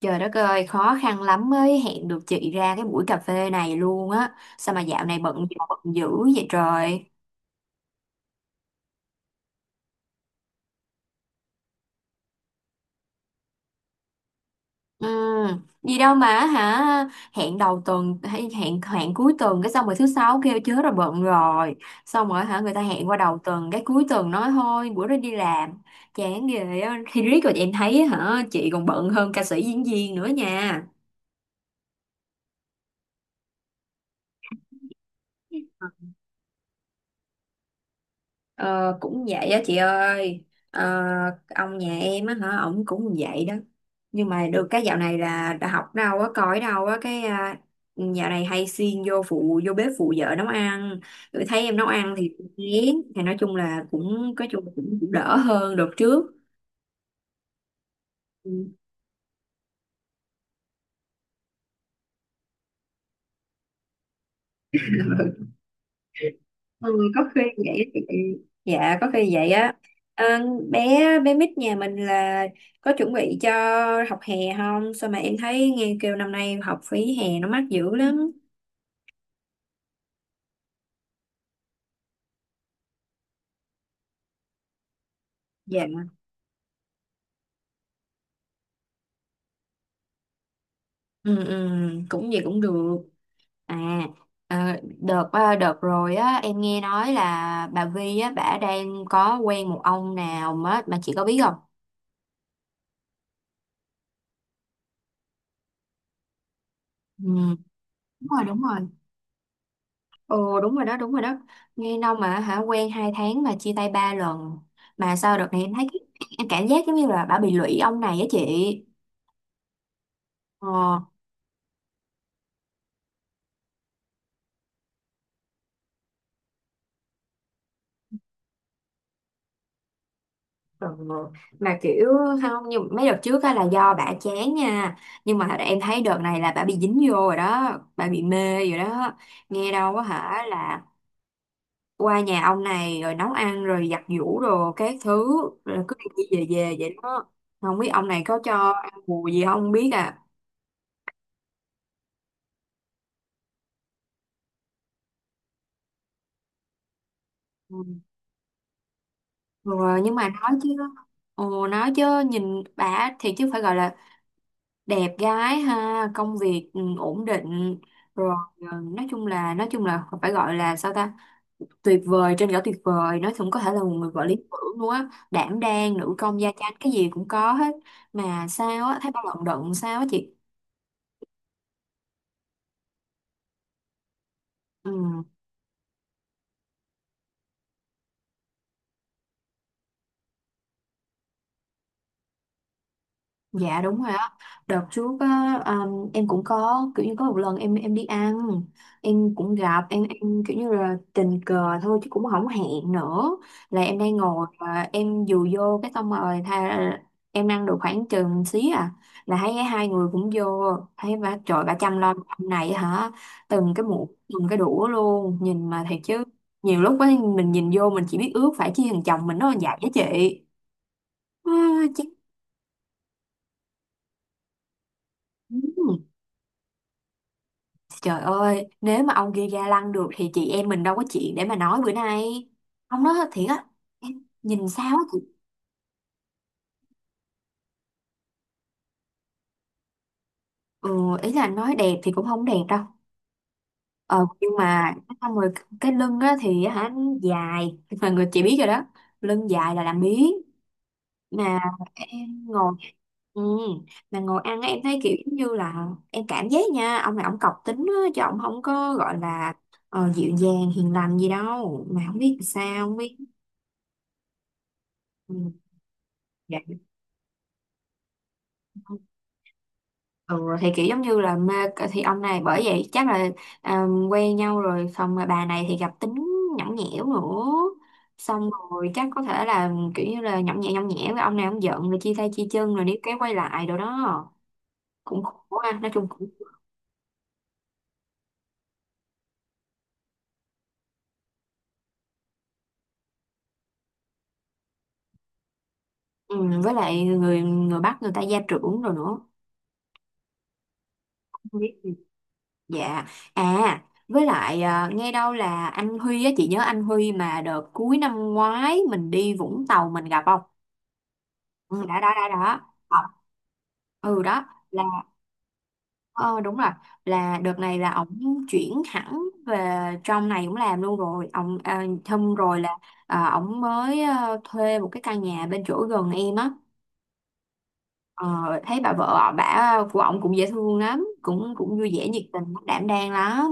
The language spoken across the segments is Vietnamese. Trời đất ơi, khó khăn lắm mới hẹn được chị ra cái buổi cà phê này luôn á. Sao mà dạo này bận bận dữ vậy trời? Ừ, gì đâu mà hả? Hẹn đầu tuần hay hẹn hẹn cuối tuần cái xong rồi thứ sáu kêu chớ rồi bận rồi. Xong rồi hả người ta hẹn qua đầu tuần cái cuối tuần nói thôi bữa đó đi làm. Chán ghê á. Thì riết rồi em thấy hả chị còn bận hơn ca sĩ diễn viên nữa nha. Ờ, Cũng vậy á chị ơi. Ờ, ông nhà em á hả ổng cũng vậy đó, nhưng mà được cái dạo này là đã học đâu á coi đâu á cái dạo này hay xuyên vô phụ vô bếp phụ vợ nấu ăn, rồi thấy em nấu ăn thì cũng ngán thì nói chung là cũng có chung là cũng đỡ hơn đợt trước. Ừ. Ừ, có khi vậy á chị. Dạ có khi vậy á. Ờ, Bé bé mít nhà mình là có chuẩn bị cho học hè không, sao mà em thấy nghe kêu năm nay học phí hè nó mắc dữ lắm. Dạ. Ừ, ừ, cũng vậy cũng được. à ờ, Đợt đợt rồi á em nghe nói là bà Vi á bả đang có quen một ông nào mà chị có biết không? Ừ, đúng rồi đúng rồi. Ồ đúng rồi đó đúng rồi đó, nghe đâu mà hả quen 2 tháng mà chia tay 3 lần, mà sao đợt này em thấy em cảm giác giống như là bà bị lụy ông này á chị. Ờ. Ừ. Mà kiểu không, nhưng mấy đợt trước á là do bà chán nha, nhưng mà em thấy đợt này là bà bị dính vô rồi đó, bà bị mê rồi đó. Nghe đâu á hả là qua nhà ông này rồi nấu ăn rồi giặt giũ rồi các thứ, rồi cứ đi về về vậy đó, không biết ông này có cho ăn bù gì không biết à. Ừ. Rồi nhưng mà nói chứ. Ồ nói chứ, nhìn bà thì chứ phải gọi là đẹp gái ha, công việc ổn định rồi, nói chung là phải gọi là sao ta, tuyệt vời trên cả tuyệt vời, nói chung có thể là một người vợ lý tưởng luôn á, đảm đang nữ công gia chánh cái gì cũng có hết, mà sao á thấy bà lận đận sao á chị? Ừ. Dạ đúng rồi á. Đợt trước á, em cũng có kiểu như có một lần em đi ăn, em cũng gặp em kiểu như là tình cờ thôi chứ cũng không hẹn nữa. Là em đang ngồi và em dù vô cái xong rồi tha, em ăn được khoảng chừng xí à, là thấy hai người cũng vô, thấy bà trời bà chăm lo ông này hả, từng cái muỗng từng cái đũa luôn, nhìn mà thiệt chứ nhiều lúc ấy mình nhìn vô mình chỉ biết ước phải chi thằng chồng mình nó là vậy á chị. à, Chán. Trời ơi, nếu mà ông kia ga lăng được thì chị em mình đâu có chuyện để mà nói bữa nay. Ông nói thiệt á, em nhìn sao á chị. Ừ, ý là nói đẹp thì cũng không đẹp đâu. Ờ, nhưng mà xong rồi cái lưng á thì hả dài, mà người chị biết rồi đó. Lưng dài là làm biếng. Mà em ngồi ừ, mà ngồi ăn á, em thấy kiểu giống như là em cảm giác nha, ông này ông cọc tính á, chứ ông không có gọi là dịu dàng hiền lành gì đâu. Mà không biết sao, không biết. Ừ, dạ. Ừ, thì kiểu giống như là mê thì ông này bởi vậy chắc là à, quen nhau rồi xong rồi bà này thì gặp tính nhõng nhẽo nữa, xong rồi chắc có thể là kiểu như là nhõng nhẽo với ông này, ông giận rồi chia tay chia chân rồi đi cái quay lại rồi đó, cũng khổ ha nói chung cũng ừ, với lại người người Bắc người ta gia trưởng rồi nữa. Không biết gì. Dạ. À với lại nghe đâu là anh Huy á, chị nhớ anh Huy mà đợt cuối năm ngoái mình đi Vũng Tàu mình gặp không? Ừ, đã. Ờ, ừ đó là ờ, đúng rồi, là đợt này là ổng chuyển hẳn về trong này cũng làm luôn rồi, ổng thâm rồi là ổng mới thuê một cái căn nhà bên chỗ gần em á. Ờ, Thấy bà vợ bà của ổng cũng dễ thương lắm, cũng cũng vui vẻ nhiệt tình đảm đang lắm.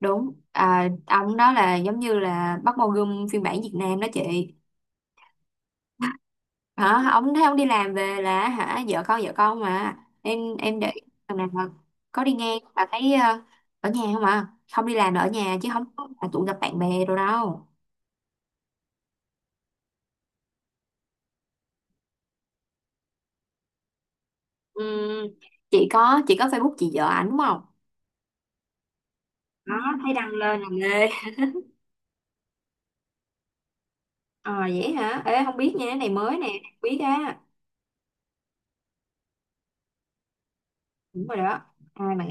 Đúng ông đó là giống như là Park Bo Gum phiên bản Việt Nam đó chị, hả ông thấy ông đi làm về là hả vợ con mà, em để ý lần nào mà có đi ngang là thấy ở nhà không à, không đi làm là ở nhà chứ không có là tụ gặp bạn bè rồi đâu. Ừ, chị có Facebook chị vợ ảnh đúng không? Đó thấy đăng lên là mê. Ờ vậy hả, ê không biết nha, cái này mới nè, không biết á. Đúng rồi đó. Ai mà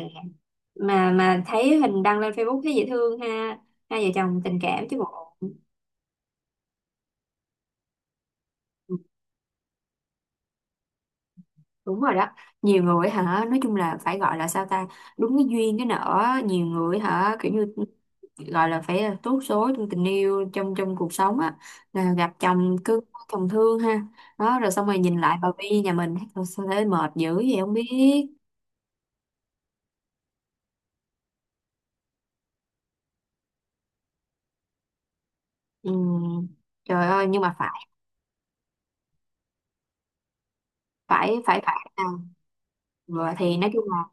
mà mà thấy hình đăng lên Facebook thấy dễ thương ha, hai vợ chồng tình cảm chứ bộ. Đúng rồi đó, nhiều người hả nói chung là phải gọi là sao ta, đúng cái duyên cái nợ, nhiều người hả kiểu như gọi là phải là tốt số trong tình yêu trong trong cuộc sống á, là gặp chồng cưng chồng thương ha, đó rồi xong rồi nhìn lại bà Vi nhà mình "Thôi sao thấy mệt dữ vậy không biết". Ừm, Trời ơi nhưng mà phải phải phải phải nào rồi thì nói chung là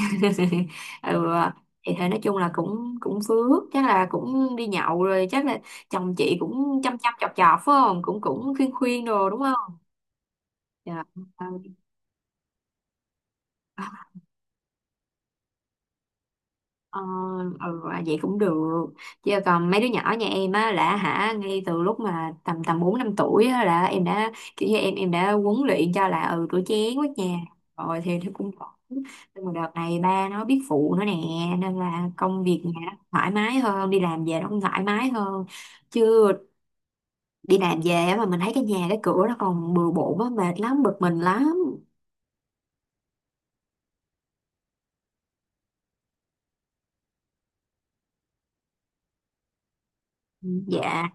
ừ, thì thế nói chung là cũng cũng phước, chắc là cũng đi nhậu rồi, chắc là chồng chị cũng chăm chăm chọc chọc phải không, cũng cũng khuyên khuyên đồ đúng không? Dạ ok. Ờ, Vậy cũng được, chứ còn mấy đứa nhỏ nhà em á là hả ngay từ lúc mà tầm tầm 4-5 tuổi á, là em đã kiểu như em đã huấn luyện cho là ừ rửa chén quét nhà rồi thì nó cũng ổn. Nhưng mà đợt này ba nó biết phụ nữa nè, nên là công việc nhà nó thoải mái hơn, đi làm về nó cũng thoải mái hơn, chứ đi làm về á mà mình thấy cái nhà cái cửa nó còn bừa bộn á mệt lắm bực mình lắm. Ừ, dạ.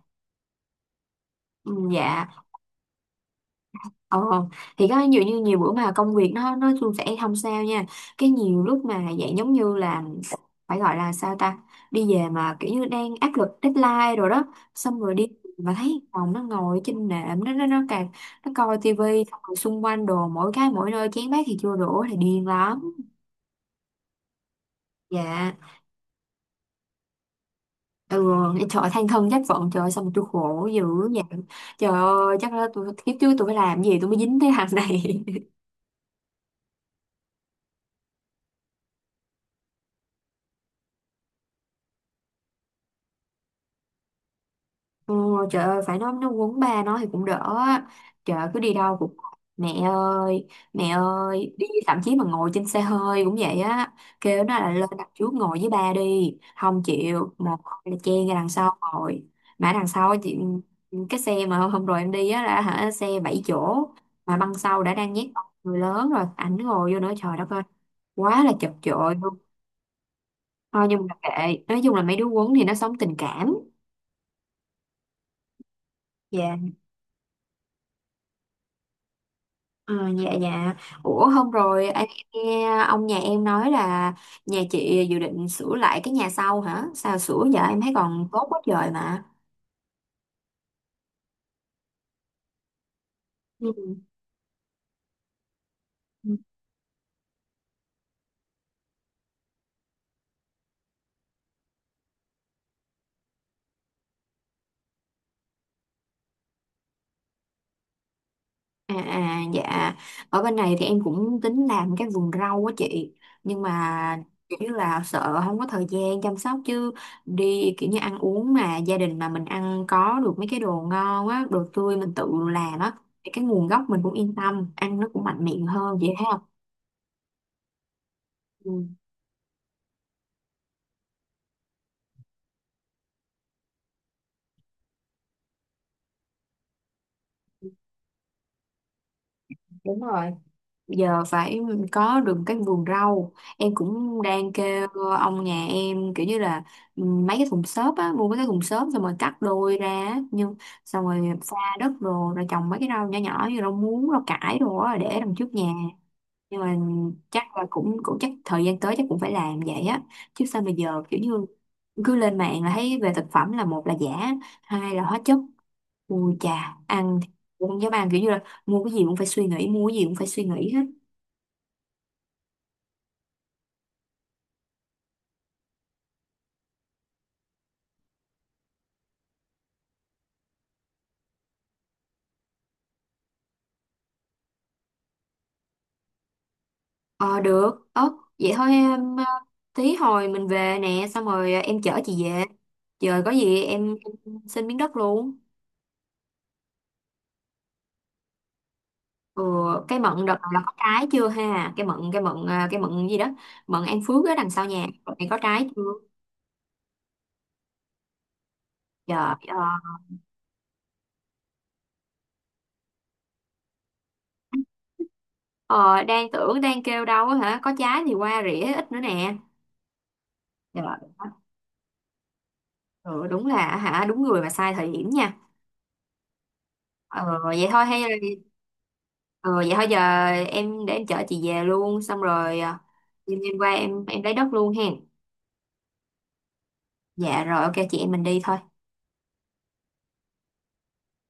Ừ, dạ. Ờ, thì có nhiều như nhiều bữa mà công việc nó suôn sẻ không sao nha, cái nhiều lúc mà dạng giống như là phải gọi là sao ta, đi về mà kiểu như đang áp lực deadline rồi đó, xong rồi đi mà thấy phòng nó ngồi trên nệm nó càng nó coi tivi xong rồi xung quanh đồ mỗi cái mỗi nơi chén bát thì chưa đổ thì điên lắm. Dạ. Ừ. Trời ơi, than thân trách phận, trời ơi, sao mà tôi khổ dữ vậy, trời ơi chắc là tôi kiếp trước tôi phải làm gì tôi mới dính cái hàng này. Ồ, trời ơi phải nói nó quấn ba nó thì cũng đỡ á. Trời ơi, cứ đi đâu cũng mẹ ơi mẹ ơi đi, thậm chí mà ngồi trên xe hơi cũng vậy á, kêu nó là lên đặt trước ngồi với ba đi không chịu, một là chen ra đằng sau ngồi, mà đằng sau chị cái xe mà hôm hôm rồi em đi á là hả xe 7 chỗ mà băng sau đã đang nhét người lớn rồi ảnh ngồi vô nữa trời đất ơi quá là chật chội luôn. Thôi nhưng mà kệ, nói chung là mấy đứa quấn thì nó sống tình cảm. Dạ. Ờ, dạ dạ. Ủa hôm rồi anh nghe ông nhà em nói là nhà chị dự định sửa lại cái nhà sau hả, sao sửa giờ em thấy còn tốt quá trời mà. Ừ. Dạ. Ở bên này thì em cũng tính làm cái vườn rau á chị, nhưng mà kiểu như là sợ không có thời gian chăm sóc, chứ đi kiểu như ăn uống mà gia đình mà mình ăn có được mấy cái đồ ngon á đồ tươi mình tự làm á thì cái nguồn gốc mình cũng yên tâm, ăn nó cũng mạnh miệng hơn vậy thấy không. Ừ. Đúng rồi, giờ phải có được cái vườn rau. Em cũng đang kêu ông nhà em kiểu như là mấy cái thùng xốp á, mua mấy cái thùng xốp xong rồi cắt đôi ra á, nhưng xong rồi pha đất đồ rồi trồng mấy cái rau nhỏ nhỏ như rau muống rau cải đồ á để đằng trước nhà, nhưng mà chắc là cũng cũng chắc thời gian tới chắc cũng phải làm vậy á, chứ sao bây giờ kiểu như cứ lên mạng là thấy về thực phẩm là một là giả, hai là hóa chất, ui chà ăn thì cũng không dám ăn, kiểu như là mua cái gì cũng phải suy nghĩ, mua cái gì cũng phải suy nghĩ hết. Ờ được ớ, vậy thôi em tí hồi mình về nè xong rồi em chở chị về, trời có gì em xin miếng đất luôn. Ừ, cái mận đợt này là có trái chưa ha, cái mận gì đó, mận An Phước ở đằng sau nhà đợt này có trái chưa, trời ờ, đang tưởng đang kêu đâu á hả có trái thì qua rỉa ít nữa nè trời. Ừ, đúng là hả đúng người mà sai thời điểm nha. Ờ, Vậy thôi hay là Ờ, vậy thôi giờ em để em chở chị về luôn xong rồi đêm đêm qua em lấy đất luôn hen. Dạ rồi ok chị em mình đi thôi.